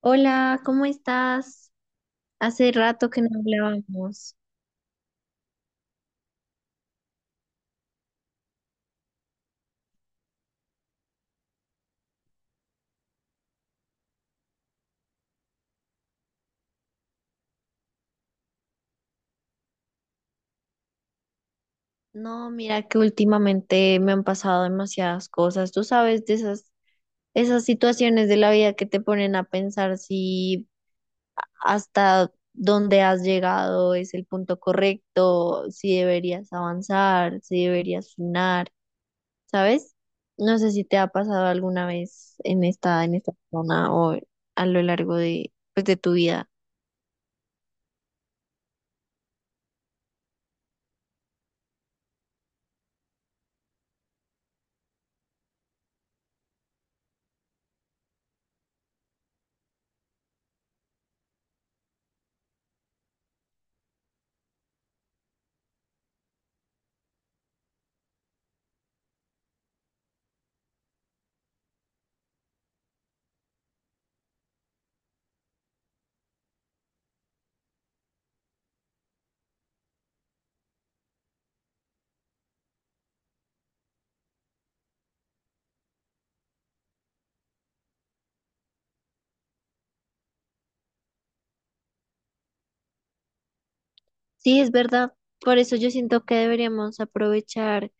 Hola, ¿cómo estás? Hace rato que no hablábamos. No, mira que últimamente me han pasado demasiadas cosas. Tú sabes de esas, situaciones de la vida que te ponen a pensar si hasta dónde has llegado es el punto correcto, si deberías avanzar, si deberías frenar, ¿sabes? No sé si te ha pasado alguna vez en esta, zona o a lo largo de, pues, de tu vida. Sí, es verdad. Por eso yo siento que deberíamos aprovechar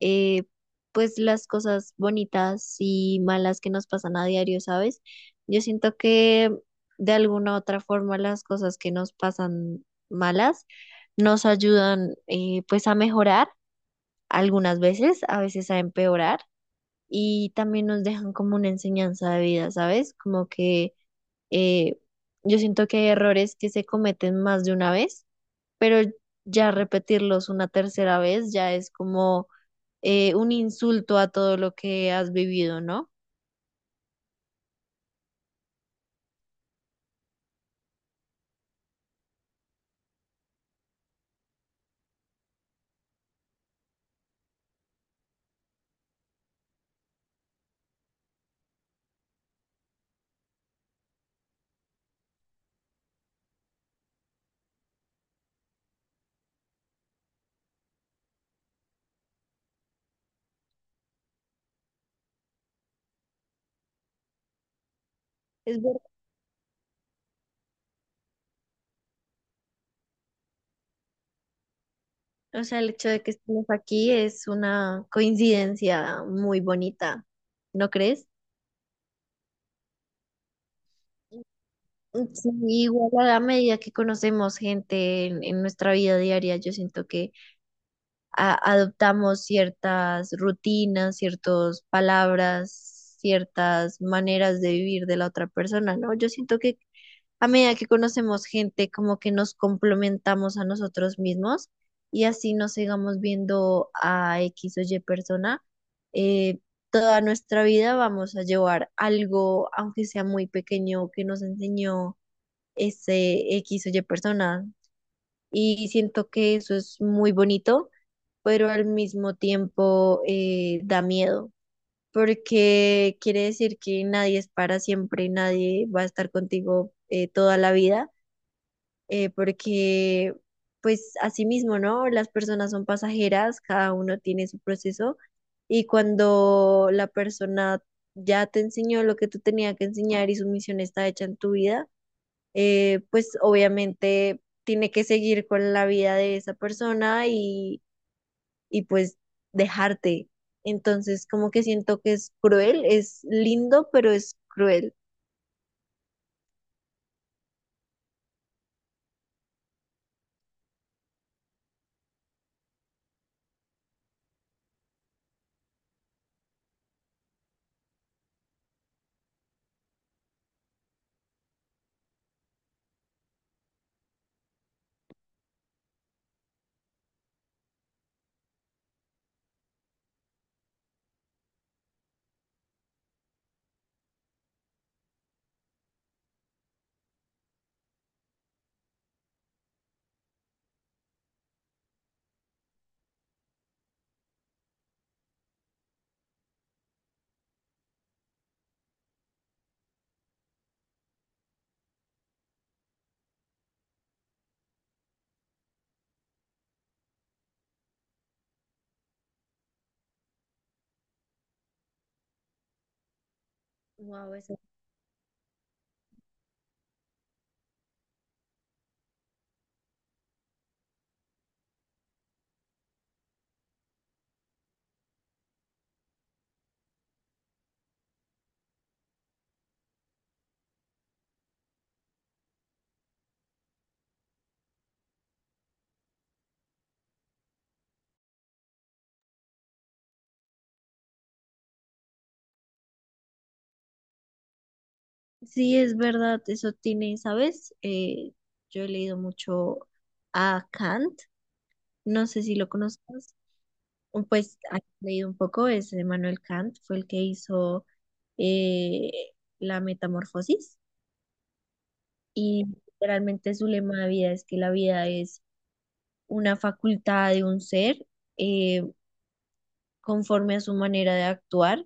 eh, pues las cosas bonitas y malas que nos pasan a diario, ¿sabes? Yo siento que de alguna u otra forma las cosas que nos pasan malas nos ayudan pues a mejorar algunas veces, a veces a empeorar, y también nos dejan como una enseñanza de vida, ¿sabes? Como que eh, yo siento que hay errores que se cometen más de una vez, pero ya repetirlos una tercera vez ya es como un insulto a todo lo que has vivido, ¿no? Es verdad. O sea, el hecho de que estemos aquí es una coincidencia muy bonita, ¿no crees? Sí, igual a la medida que conocemos gente en, nuestra vida diaria, yo siento que adoptamos ciertas rutinas, ciertas palabras, ciertas maneras de vivir de la otra persona, ¿no? Yo siento que a medida que conocemos gente, como que nos complementamos a nosotros mismos, y así nos sigamos viendo a X o Y persona, eh, toda nuestra vida vamos a llevar algo, aunque sea muy pequeño, que nos enseñó ese X o Y persona. Y siento que eso es muy bonito, pero al mismo tiempo da miedo. Porque quiere decir que nadie es para siempre, nadie va a estar contigo toda la vida, porque pues así mismo, ¿no? Las personas son pasajeras, cada uno tiene su proceso, y cuando la persona ya te enseñó lo que tú tenías que enseñar y su misión está hecha en tu vida, pues obviamente tiene que seguir con la vida de esa persona y, pues dejarte. Entonces, como que siento que es cruel, es lindo, pero es cruel. Wow. Sí, es verdad, eso tiene, ¿sabes? Yo he leído mucho a Kant, no sé si lo conozcas, o pues he leído un poco, es Immanuel Kant, fue el que hizo eh, la metamorfosis, y literalmente su lema de vida es que la vida es una facultad de un ser eh, conforme a su manera de actuar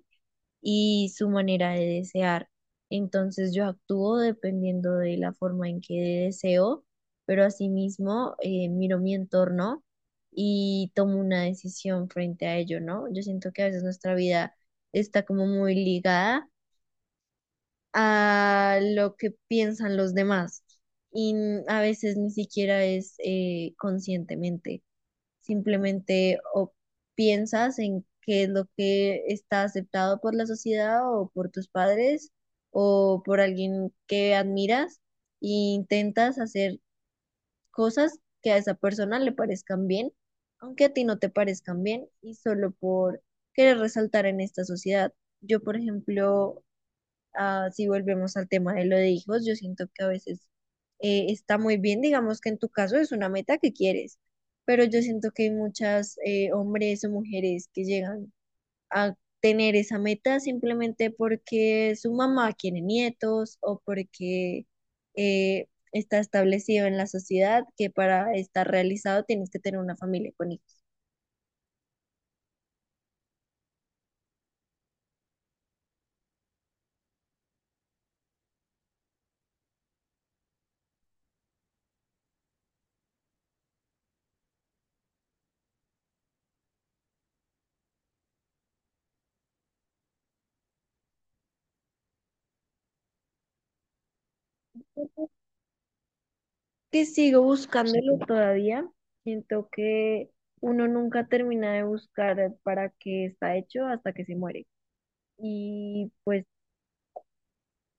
y su manera de desear. Entonces yo actúo dependiendo de la forma en que deseo, pero asimismo miro mi entorno y tomo una decisión frente a ello, ¿no? Yo siento que a veces nuestra vida está como muy ligada a lo que piensan los demás, y a veces ni siquiera es conscientemente. Simplemente o piensas en qué es lo que está aceptado por la sociedad o por tus padres o por alguien que admiras, e intentas hacer cosas que a esa persona le parezcan bien, aunque a ti no te parezcan bien, y solo por querer resaltar en esta sociedad. Yo, por ejemplo, si volvemos al tema de lo de hijos, yo siento que a veces está muy bien, digamos que en tu caso es una meta que quieres, pero yo siento que hay muchas hombres o mujeres que llegan a tener esa meta simplemente porque su mamá quiere nietos o porque está establecido en la sociedad que para estar realizado tienes que tener una familia con hijos. Que sigo, sí, buscándolo todavía. Siento que uno nunca termina de buscar para qué está hecho hasta que se muere. Y pues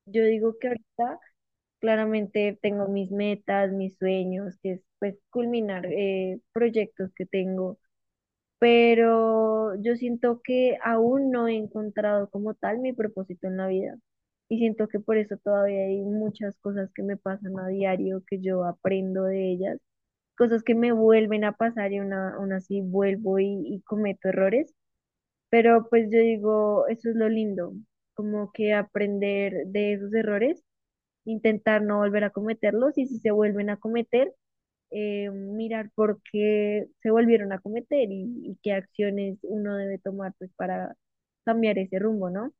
yo digo que ahorita claramente tengo mis metas, mis sueños, que es pues culminar proyectos que tengo. Pero yo siento que aún no he encontrado como tal mi propósito en la vida. Y siento que por eso todavía hay muchas cosas que me pasan a diario, que yo aprendo de ellas, cosas que me vuelven a pasar, y una, aún así vuelvo y, cometo errores, pero pues yo digo, eso es lo lindo, como que aprender de esos errores, intentar no volver a cometerlos, y si se vuelven a cometer, mirar por qué se volvieron a cometer y, qué acciones uno debe tomar pues para cambiar ese rumbo, ¿no?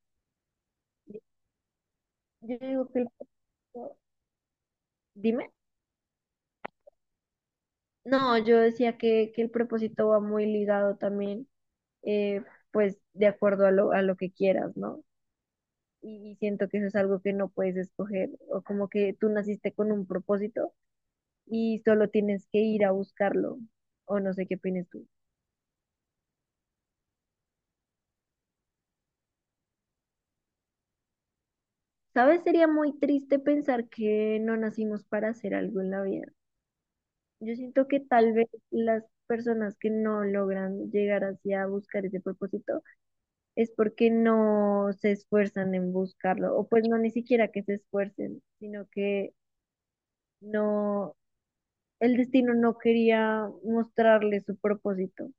Yo digo que el... Dime. No, yo decía que, el propósito va muy ligado también eh, pues de acuerdo a lo, que quieras, ¿no? Y, siento que eso es algo que no puedes escoger, o como que tú naciste con un propósito y solo tienes que ir a buscarlo, o no sé qué opinas tú. ¿Sabes? Sería muy triste pensar que no nacimos para hacer algo en la vida. Yo siento que tal vez las personas que no logran llegar hacia buscar ese propósito es porque no se esfuerzan en buscarlo, o pues no, ni siquiera que se esfuercen, sino que no, el destino no quería mostrarle su propósito,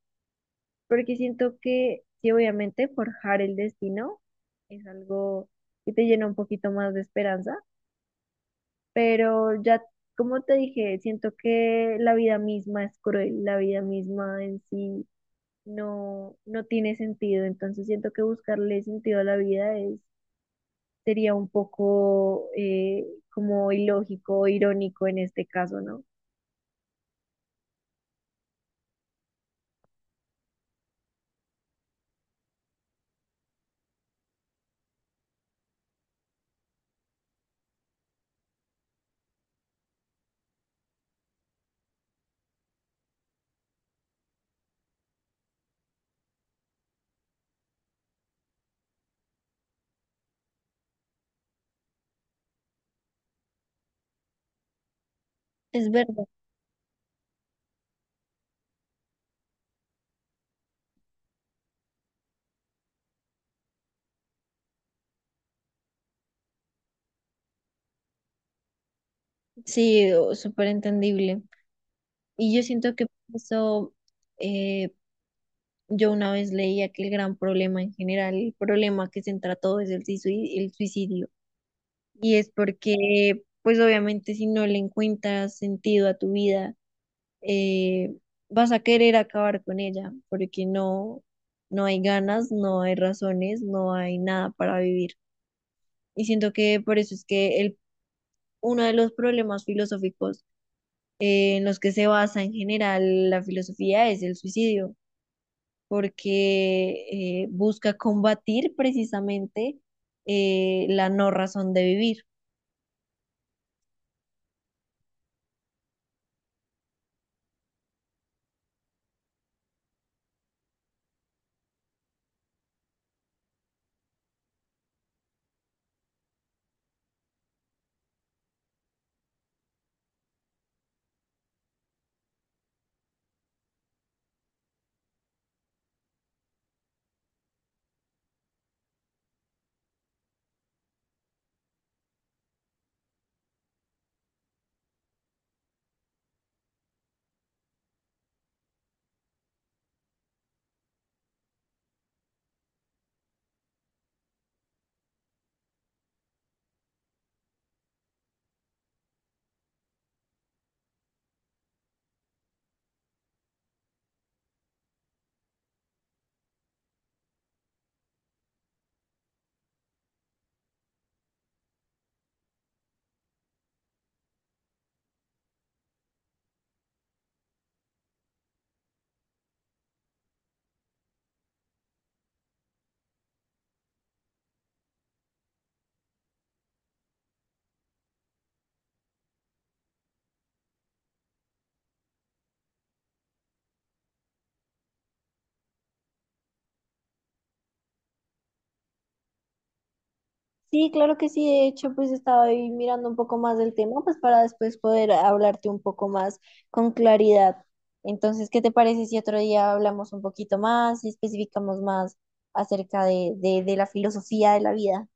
porque siento que sí, obviamente, forjar el destino es algo que te llena un poquito más de esperanza, pero ya, como te dije, siento que la vida misma es cruel, la vida misma en sí no, no tiene sentido, entonces siento que buscarle sentido a la vida es, sería un poco como ilógico, irónico en este caso, ¿no? Es verdad, sí, súper entendible. Y yo siento que por eso eh, yo una vez leía que el gran problema en general, el problema que centra todo es el suicidio, el suicidio. Y es porque, pues obviamente si no le encuentras sentido a tu vida, eh, vas a querer acabar con ella, porque no, no hay ganas, no hay razones, no hay nada para vivir. Y siento que por eso es que uno de los problemas filosóficos en los que se basa en general la filosofía es el suicidio, porque busca combatir precisamente la no razón de vivir. Sí, claro que sí. De hecho, pues estaba ahí mirando un poco más del tema, pues para después poder hablarte un poco más con claridad. Entonces, ¿qué te parece si otro día hablamos un poquito más y especificamos más acerca de, de la filosofía de la vida?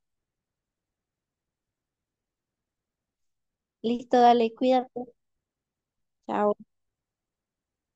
Listo, dale, cuídate. Chao.